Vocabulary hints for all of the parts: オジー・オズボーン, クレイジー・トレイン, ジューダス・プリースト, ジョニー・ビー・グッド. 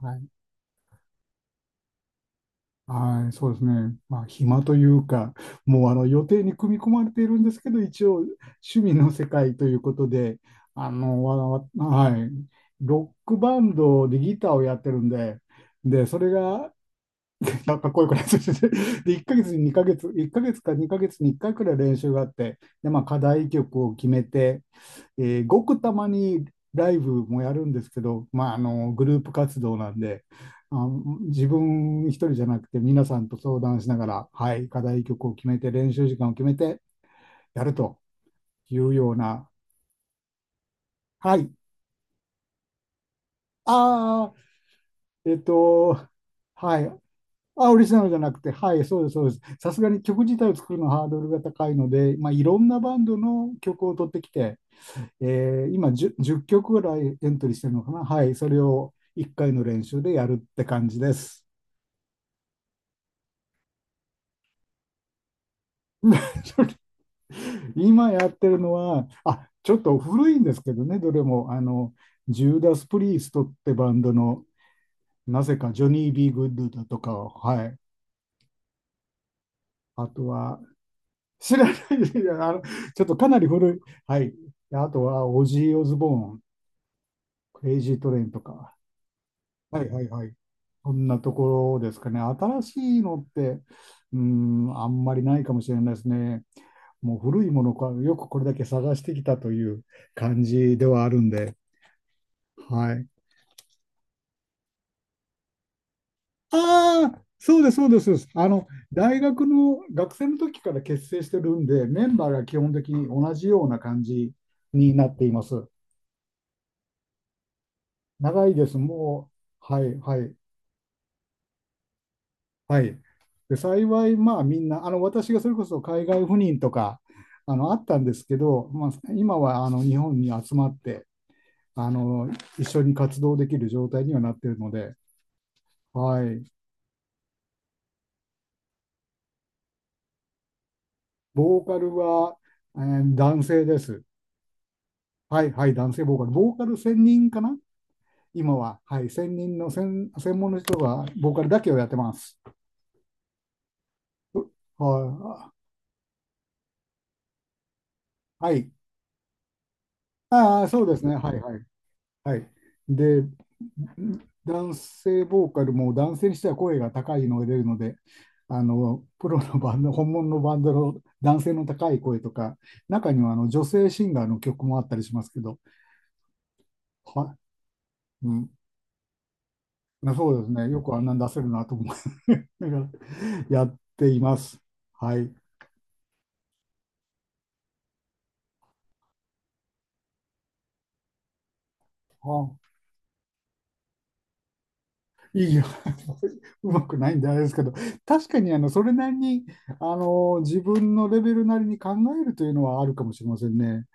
はい、はい、そうですね。まあ、暇というか、もうあの予定に組み込まれているんですけど、一応趣味の世界ということで、あの、わわはい、ロックバンドでギターをやってるんで、で、それが、かっこよくないですね。で、1ヶ月に2ヶ月、1ヶ月か2ヶ月に1回くらい練習があって、で、まあ、課題曲を決めて、ごくたまにライブもやるんですけど、まあ、あのグループ活動なんであ、自分一人じゃなくて皆さんと相談しながら、はい、課題曲を決めて練習時間を決めてやるというような、はい、あー、えっと、はい、あ、オリジナルじゃなくて、はい、そうです、そうです。さすがに曲自体を作るのはハードルが高いので、まあ、いろんなバンドの曲を取ってきて、今 10, 曲ぐらいエントリーしてるのかな、はい、それを1回の練習でやるって感じです。今やってるのは、あ、ちょっと古いんですけどね、どれも、あの、ジューダス・プリーストってバンドの、なぜかジョニー・ビー・グッドだとかを、はい、あとは、知らない、いやあの、ちょっとかなり古い、はい、あとは、オジー・オズボーン、クレイジー・トレインとか、はいはいはい。そんなところですかね。新しいのって、うーん、あんまりないかもしれないですね。もう古いものか、よくこれだけ探してきたという感じではあるんで。はい。ああ、そうです、そうです、そうです。あの、大学の学生の時から結成してるんで、メンバーが基本的に同じような感じになっています。長いです。もう、はい、はい。はい。で、幸い、まあみんな、あの、私がそれこそ海外赴任とか、あの、あったんですけど、まあ、今は、あの、日本に集まって、あの、一緒に活動できる状態にはなっているので、はい。ボーカルは、男性です。はい、はい、男性ボーカル。ボーカル専任かな今は。はい、専任の専門の人が、ボーカルだけをやってます。はい。はい。ああ、そうですね。はい、はい。はい。で、男性ボーカルも男性にしては声が高いのが出るので、あの、プロのバンド、本物のバンドの男性の高い声とか、中にはあの女性シンガーの曲もあったりしますけど、は、うん、そうですね。よくあんなん出せるなと思う。だから、やっています。はい。あいいよ。うまくないんであれですけど、確かにあのそれなりにあの自分のレベルなりに考えるというのはあるかもしれませんね。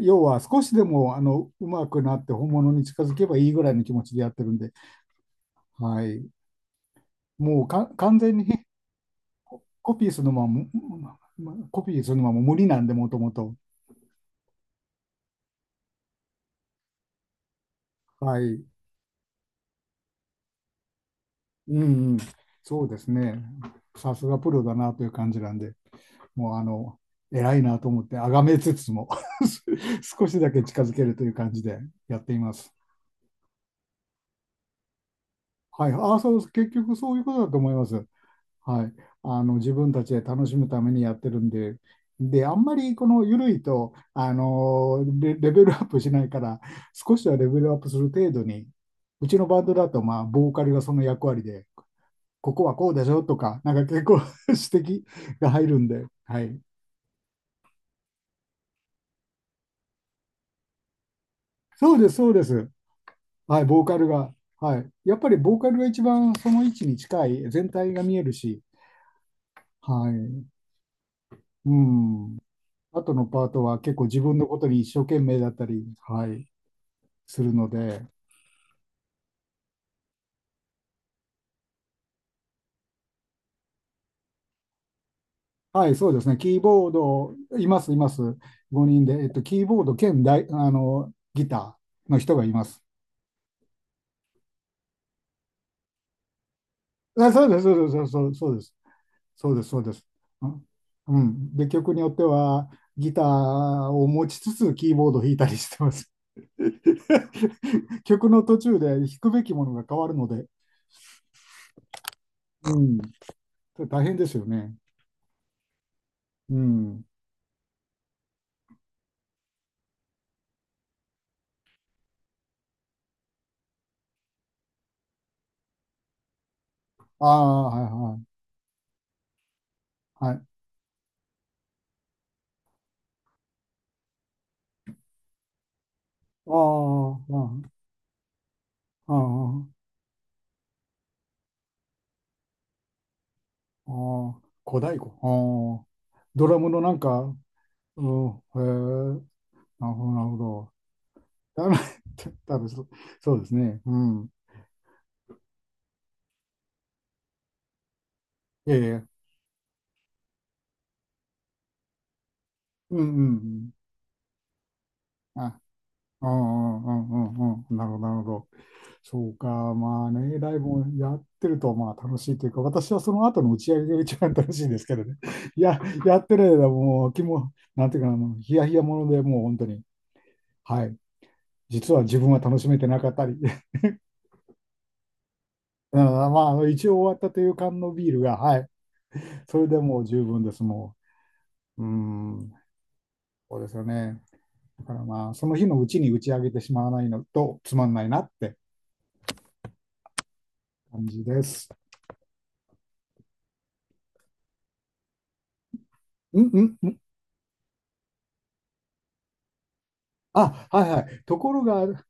要は少しでもあのうまくなって本物に近づけばいいぐらいの気持ちでやってるんで、はい、もう完全にね、コピーするのはもコピーするのはもう無理なんで、もともと。はい、うんうん、そうですね。さすがプロだなという感じなんで。もうあの、偉いなと思って、あがめつつも 少しだけ近づけるという感じでやっています。はい。ああ、そう結局そういうことだと思います。はい。あの、自分たちで楽しむためにやってるんで、で、あんまりこの緩いと、あのレベルアップしないから、少しはレベルアップする程度に、うちのバンドだと、まあ、ボーカルがその役割で、ここはこうでしょとか、なんか結構 指摘が入るんで、はい。そうです、そうです。はい、ボーカルが、はい。やっぱりボーカルが一番その位置に近い、全体が見えるし、はい。うん。あとのパートは結構自分のことに一生懸命だったり、はい、するので、はい、そうですね。キーボード、います、います。5人で、キーボード兼ダイ、あの、ギターの人がいます。あ、そうです、そうです、そうです、そうです、そうです、そうです。うん。うんで、曲によっては、ギターを持ちつつ、キーボードを弾いたりしてます。曲の途中で弾くべきものが変わるので、うん、大変ですよね。うん。ああ、はいはい。はい。ああ、ああ、ああ、小太鼓。ああ、ドラムのなんか、うん、へえ、なるほど、なるほど。だめ、多分そうですね。うん。ええ、うん、うん、うん。あ、うん、うん、うん、うん、うん、なるほど、なるほど。そうか、まあね、ライブもやってるとまあ楽しいというか、私はその後の打ち上げが一番楽しいんですけどね。いや、やってる間もう気も、なんていうかな、あのヒヤヒヤものでもう本当に、はい、実は自分は楽しめてなかったり、うん、まああの一応終わったという缶のビールが、はい、それでもう十分です、もう。うん、そうですよね。だからまあ、その日のうちに打ち上げてしまわないのとつまんないなって感じです。うんうんうん。あ、はいはい。ところが、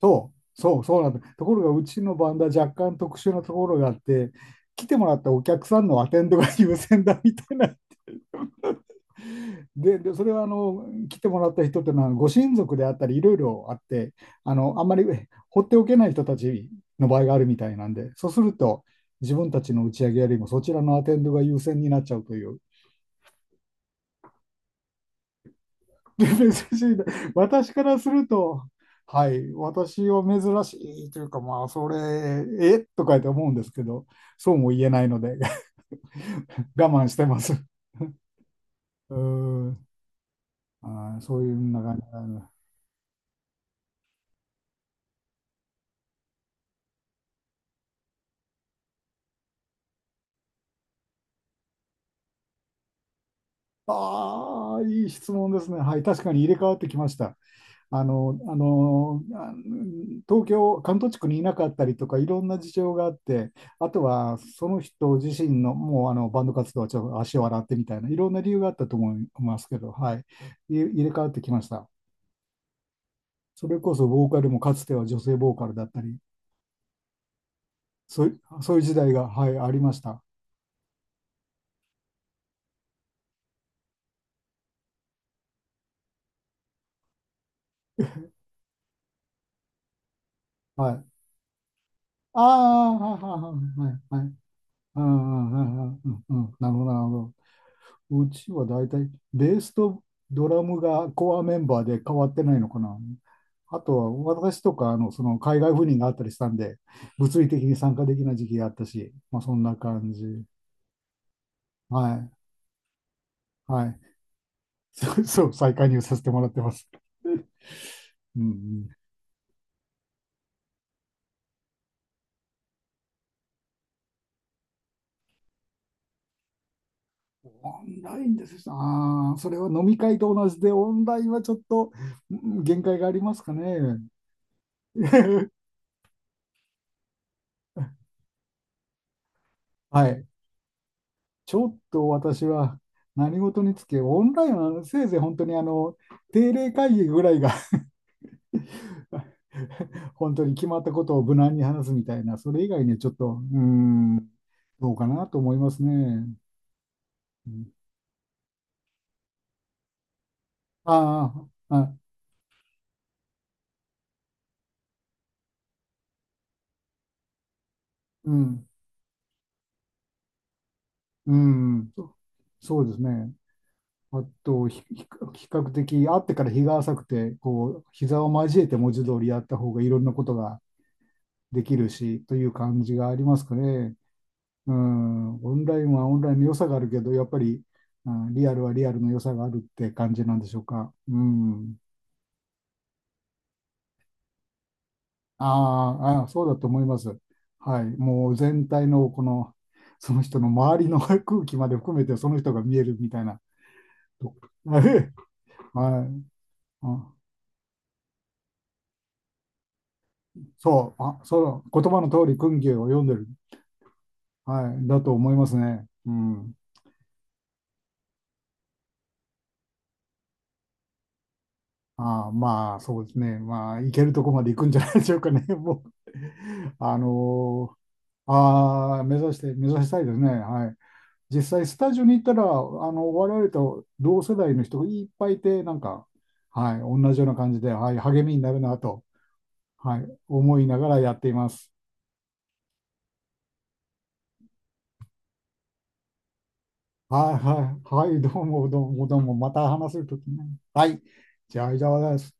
そう、そう、そうなんだ。ところが、うちのバンドは若干特殊なところがあって、来てもらったお客さんのアテンドが優先だみたいな。で、それはあの来てもらった人っていうのはご親族であったりいろいろあって、あの、あんまり放っておけない人たちの場合があるみたいなんで、そうすると自分たちの打ち上げよりもそちらのアテンドが優先になっちゃうという。で珍しいな。私からすると、はい、私は珍しいというか、まあ、それ、とかって思うんですけど、そうも言えないので、我慢してます。うーん、あーそういうふうな感じなの。ああ、いい質問ですね。はい、確かに入れ替わってきました。あの、あの、あ東京、関東地区にいなかったりとか、いろんな事情があって、あとはその人自身の、もうあのバンド活動はちょっと足を洗ってみたいな、いろんな理由があったと思いますけど、はい、入れ替わってきました。それこそボーカルもかつては女性ボーカルだったり、そういう時代が、はい、ありました。はい。ああ、はいはいはいはい。はい、うんうんうんうんうんうん。なるほど、なるほど。うちは大体、ベースとドラムがコアメンバーで変わってないのかな。あとは、私とか、あの、その海外赴任があったりしたんで、物理的に参加できない時期があったし、まあ、そんな感じ。はい。はい。そうそう、再加入させてもらってます。うんうん。オンラインですよ。ああー、それは飲み会と同じで、オンラインはちょっとうん、限界がありますかね。はい。ちょっと私は何事につけ、オンラインはせいぜい本当にあの定例会議ぐらいが 本当に決まったことを無難に話すみたいな、それ以外にはちょっと、うーん、どうかなと思いますね。うん、ああ、あ、うん、うん、そうですね。あと、比較的、会ってから日が浅くて、こう、膝を交えて文字通りやった方がいろんなことができるし、という感じがありますかね。うん、オンラインはオンラインの良さがあるけど、やっぱり、うん、リアルはリアルの良さがあるって感じなんでしょうか。うん。あーあー、そうだと思います。はい。もう全体のこの、その人の周りの 空気まで含めてその人が見えるみたいな。とはい。はい、あ、そう、あ、そう、言葉の通り、訓義を読んでる。はい。だと思いますね。うん。あーまあ、そうですね。まあ、行けるとこまで行くんじゃないでしょうかね。もう、あのああ、目指したいですね。はい。実際、スタジオに行ったら、あの、我々と同世代の人がいっぱいいて、なんか、はい、同じような感じで、はい、励みになるなと、はい、思いながらやっています。はい、はい、はい、どうも、どうも、どうも、また話せるときね。はい。じゃあ、以上です。